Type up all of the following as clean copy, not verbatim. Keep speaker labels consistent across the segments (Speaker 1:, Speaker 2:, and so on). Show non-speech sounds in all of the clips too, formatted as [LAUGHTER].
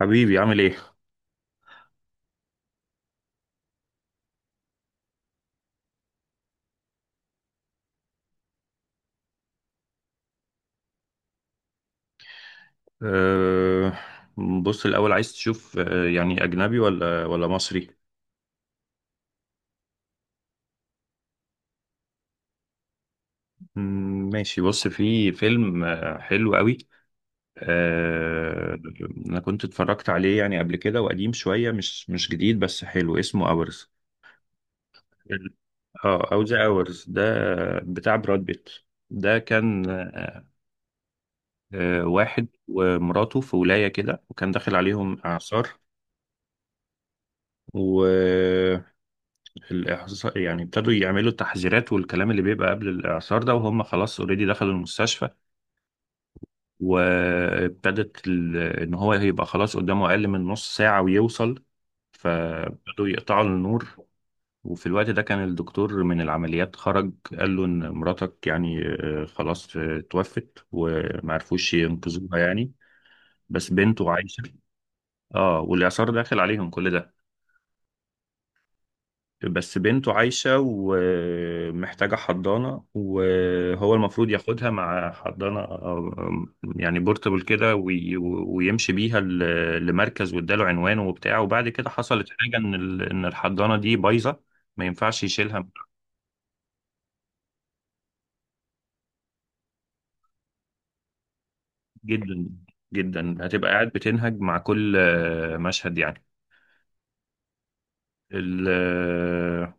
Speaker 1: حبيبي عامل ايه؟ أه بص الأول عايز تشوف يعني أجنبي ولا مصري؟ ماشي، بص في فيلم حلو قوي. أه أنا كنت اتفرجت عليه يعني قبل كده وقديم شوية، مش جديد بس حلو، اسمه أورز. اه، أو ذا أورز ده، بتاع براد بيت. ده كان واحد ومراته في ولاية كده وكان داخل عليهم إعصار. الإعصار يعني ابتدوا يعملوا التحذيرات والكلام اللي بيبقى قبل الإعصار ده، وهم خلاص اوريدي دخلوا المستشفى. إن هو هيبقى خلاص قدامه أقل من نص ساعة ويوصل، فابتدوا يقطعوا النور. وفي الوقت ده كان الدكتور من العمليات خرج، قال له إن مراتك يعني خلاص توفت ومعرفوش ينقذوها يعني، بس بنته عايشة. اه، والإعصار داخل عليهم كل ده. بس بنته عايشة ومحتاجة حضانة، وهو المفروض ياخدها مع حضانة يعني بورتبل كده، ويمشي بيها لمركز، واداله عنوانه وبتاع. وبعد كده حصلت حاجة، ان الحضانة دي بايظة، ما ينفعش يشيلها. جدا. جدا هتبقى قاعد بتنهج مع كل مشهد يعني. ال-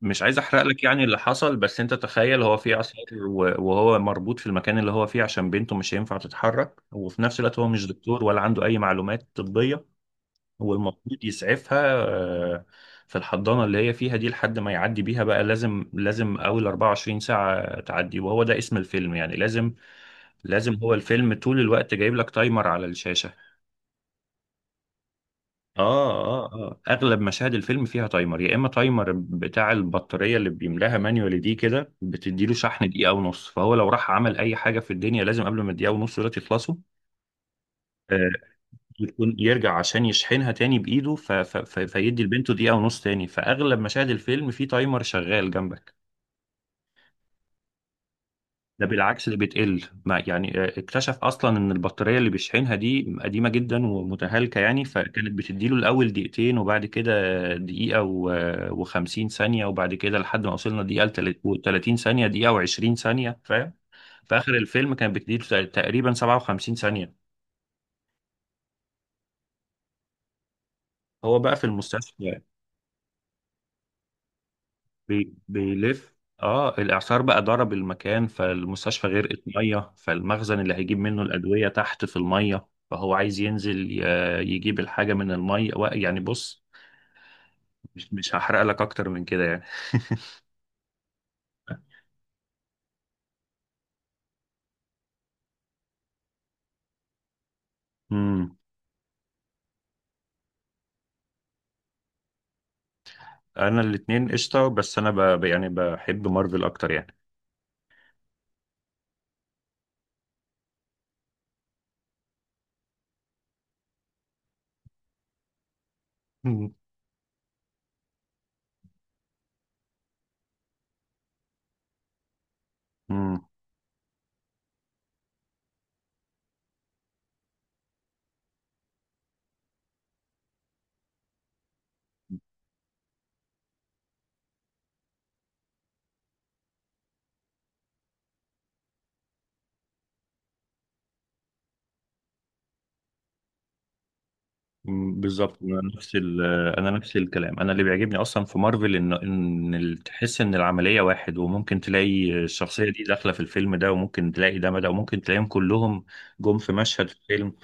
Speaker 1: مش عايز احرق لك يعني اللي حصل، بس انت تخيل، هو في عسكر وهو مربوط في المكان اللي هو فيه عشان بنته مش هينفع تتحرك، وفي نفس الوقت هو مش دكتور ولا عنده اي معلومات طبية. هو المفروض يسعفها آه، في الحضانة اللي هي فيها دي، لحد ما يعدي بيها بقى، لازم اول 24 ساعة تعدي، وهو ده اسم الفيلم يعني. لازم هو الفيلم طول الوقت جايب لك تايمر على الشاشة. اه اغلب مشاهد الفيلم فيها تايمر، يا اما تايمر بتاع البطاريه اللي بيملاها مانيوالي دي، كده بتديله شحن دقيقه ونص، فهو لو راح عمل اي حاجه في الدنيا، لازم قبل ما الدقيقه ونص دول يخلصوا آه يكون يرجع عشان يشحنها تاني بايده ف فيدي لبنته دقيقه ونص تاني. فاغلب مشاهد الفيلم فيه تايمر شغال جنبك. ده بالعكس اللي بتقل، ما يعني اكتشف اصلا ان البطاريه اللي بيشحنها دي قديمه جدا ومتهالكه يعني، فكانت بتديله الاول دقيقتين، وبعد كده دقيقه و50 ثانيه، وبعد كده لحد ما وصلنا دقيقه و30 ثانيه، دقيقه و20 ثانيه، فاهم؟ في اخر الفيلم كانت بتديله تقريبا 57 ثانيه. هو بقى في المستشفى، بيلف. اه، الاعصار بقى ضرب المكان، فالمستشفى غرقت ميه، فالمخزن اللي هيجيب منه الادويه تحت في الميه، فهو عايز ينزل يجيب الحاجه من الميه يعني بص، مش هحرق لك اكتر من كده يعني. [LAUGHS] امم، انا الاتنين قشطه، بس انا يعني بحب مارفل اكتر يعني. امم. بالظبط. انا نفس الكلام، انا اللي بيعجبني اصلا في مارفل تحس ان العمليه واحد، وممكن تلاقي الشخصيه دي داخله في الفيلم ده، وممكن تلاقي ده، وممكن تلاقيهم كلهم جم في مشهد في الفيلم.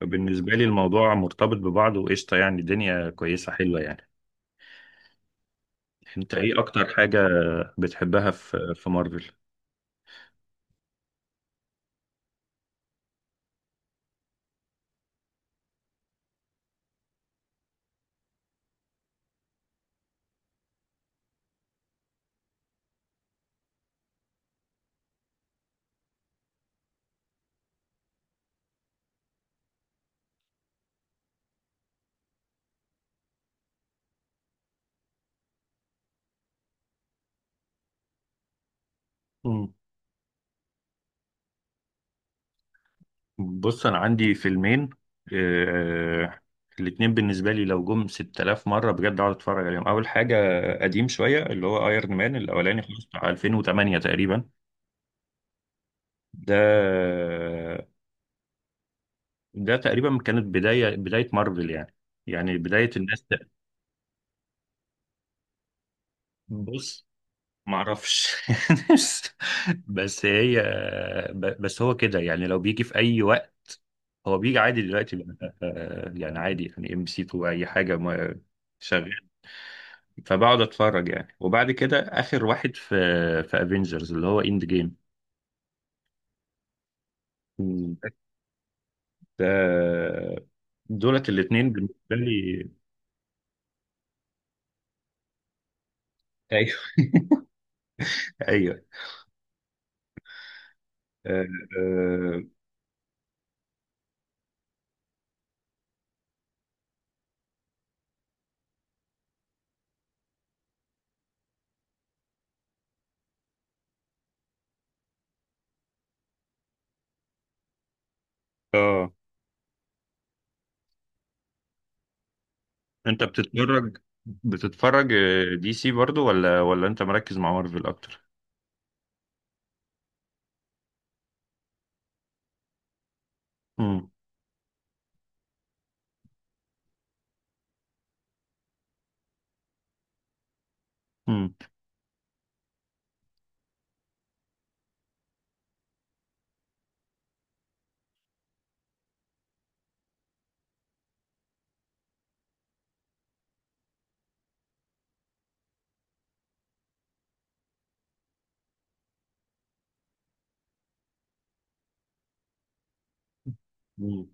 Speaker 1: فبالنسبه لي الموضوع مرتبط ببعضه وقشطه، يعني الدنيا كويسه حلوه يعني. انت ايه اكتر حاجه بتحبها في مارفل؟ بص انا عندي فيلمين آه الاتنين بالنسبه لي، لو جم 6000 مره بجد اقعد اتفرج عليهم. اول حاجه، قديم شويه، اللي هو ايرون مان الاولاني خالص، بتاع 2008 تقريبا. ده ده تقريبا كانت بدايه مارفل يعني، يعني بدايه الناس بص، ما اعرفش. [LAUGHS] بس هي بس هو كده يعني، لو بيجي في اي وقت هو بيجي عادي دلوقتي يعني عادي، يعني ام سي 2 اي حاجه شغال، فبقعد اتفرج يعني. وبعد كده اخر واحد في في افنجرز اللي هو اند جيم. مم. آه، دولت الاثنين بالنسبه لي ايوه [LAUGHS] ايوه آه، آه، اه، انت بتتفرج، بتتفرج دي سي برضو ولا انت مركز مع مارفل اكتر؟ امم. امم. مم.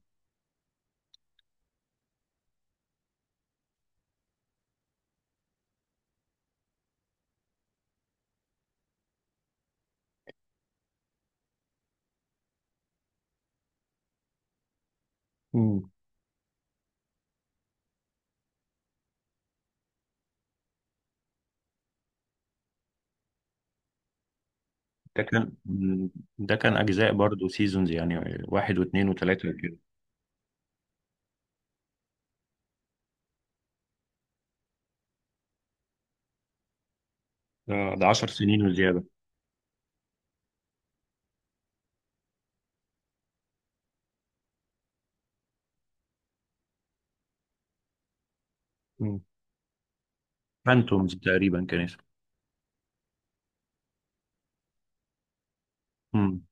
Speaker 1: مم. ده كان ده كان اجزاء برضو، سيزونز يعني واحد واثنين وثلاثه كده. اه، ده 10 سنين وزياده. مم. فانتومز تقريبا كان. امم.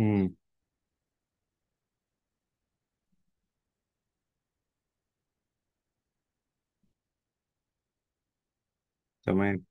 Speaker 1: امم. تمام.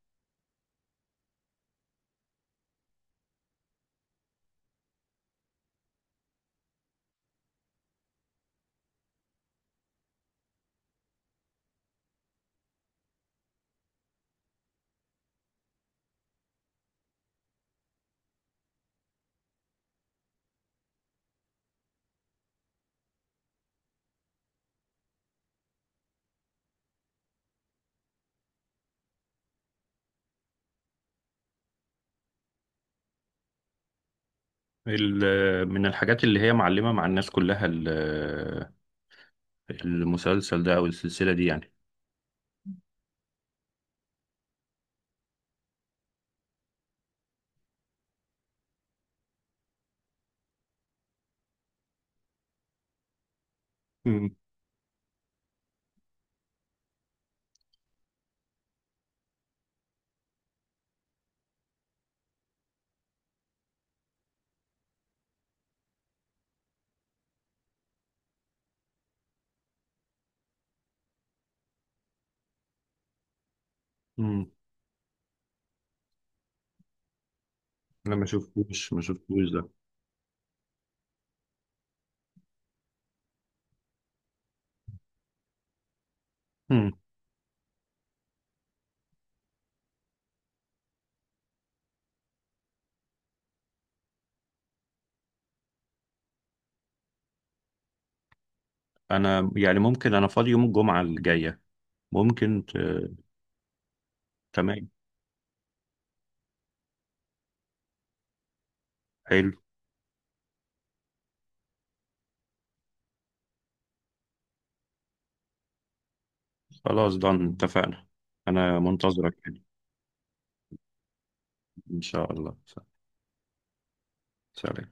Speaker 1: من الحاجات اللي هي معلمة مع الناس كلها، المسلسل ده او السلسلة دي يعني. امم. امم. انا ما شفتوش ده. امم. انا يعني ممكن، انا فاضي يوم الجمعة الجاية، ممكن تمام، حلو. خلاص ضن اتفقنا، انا منتظرك يعني. ان شاء الله. سلام.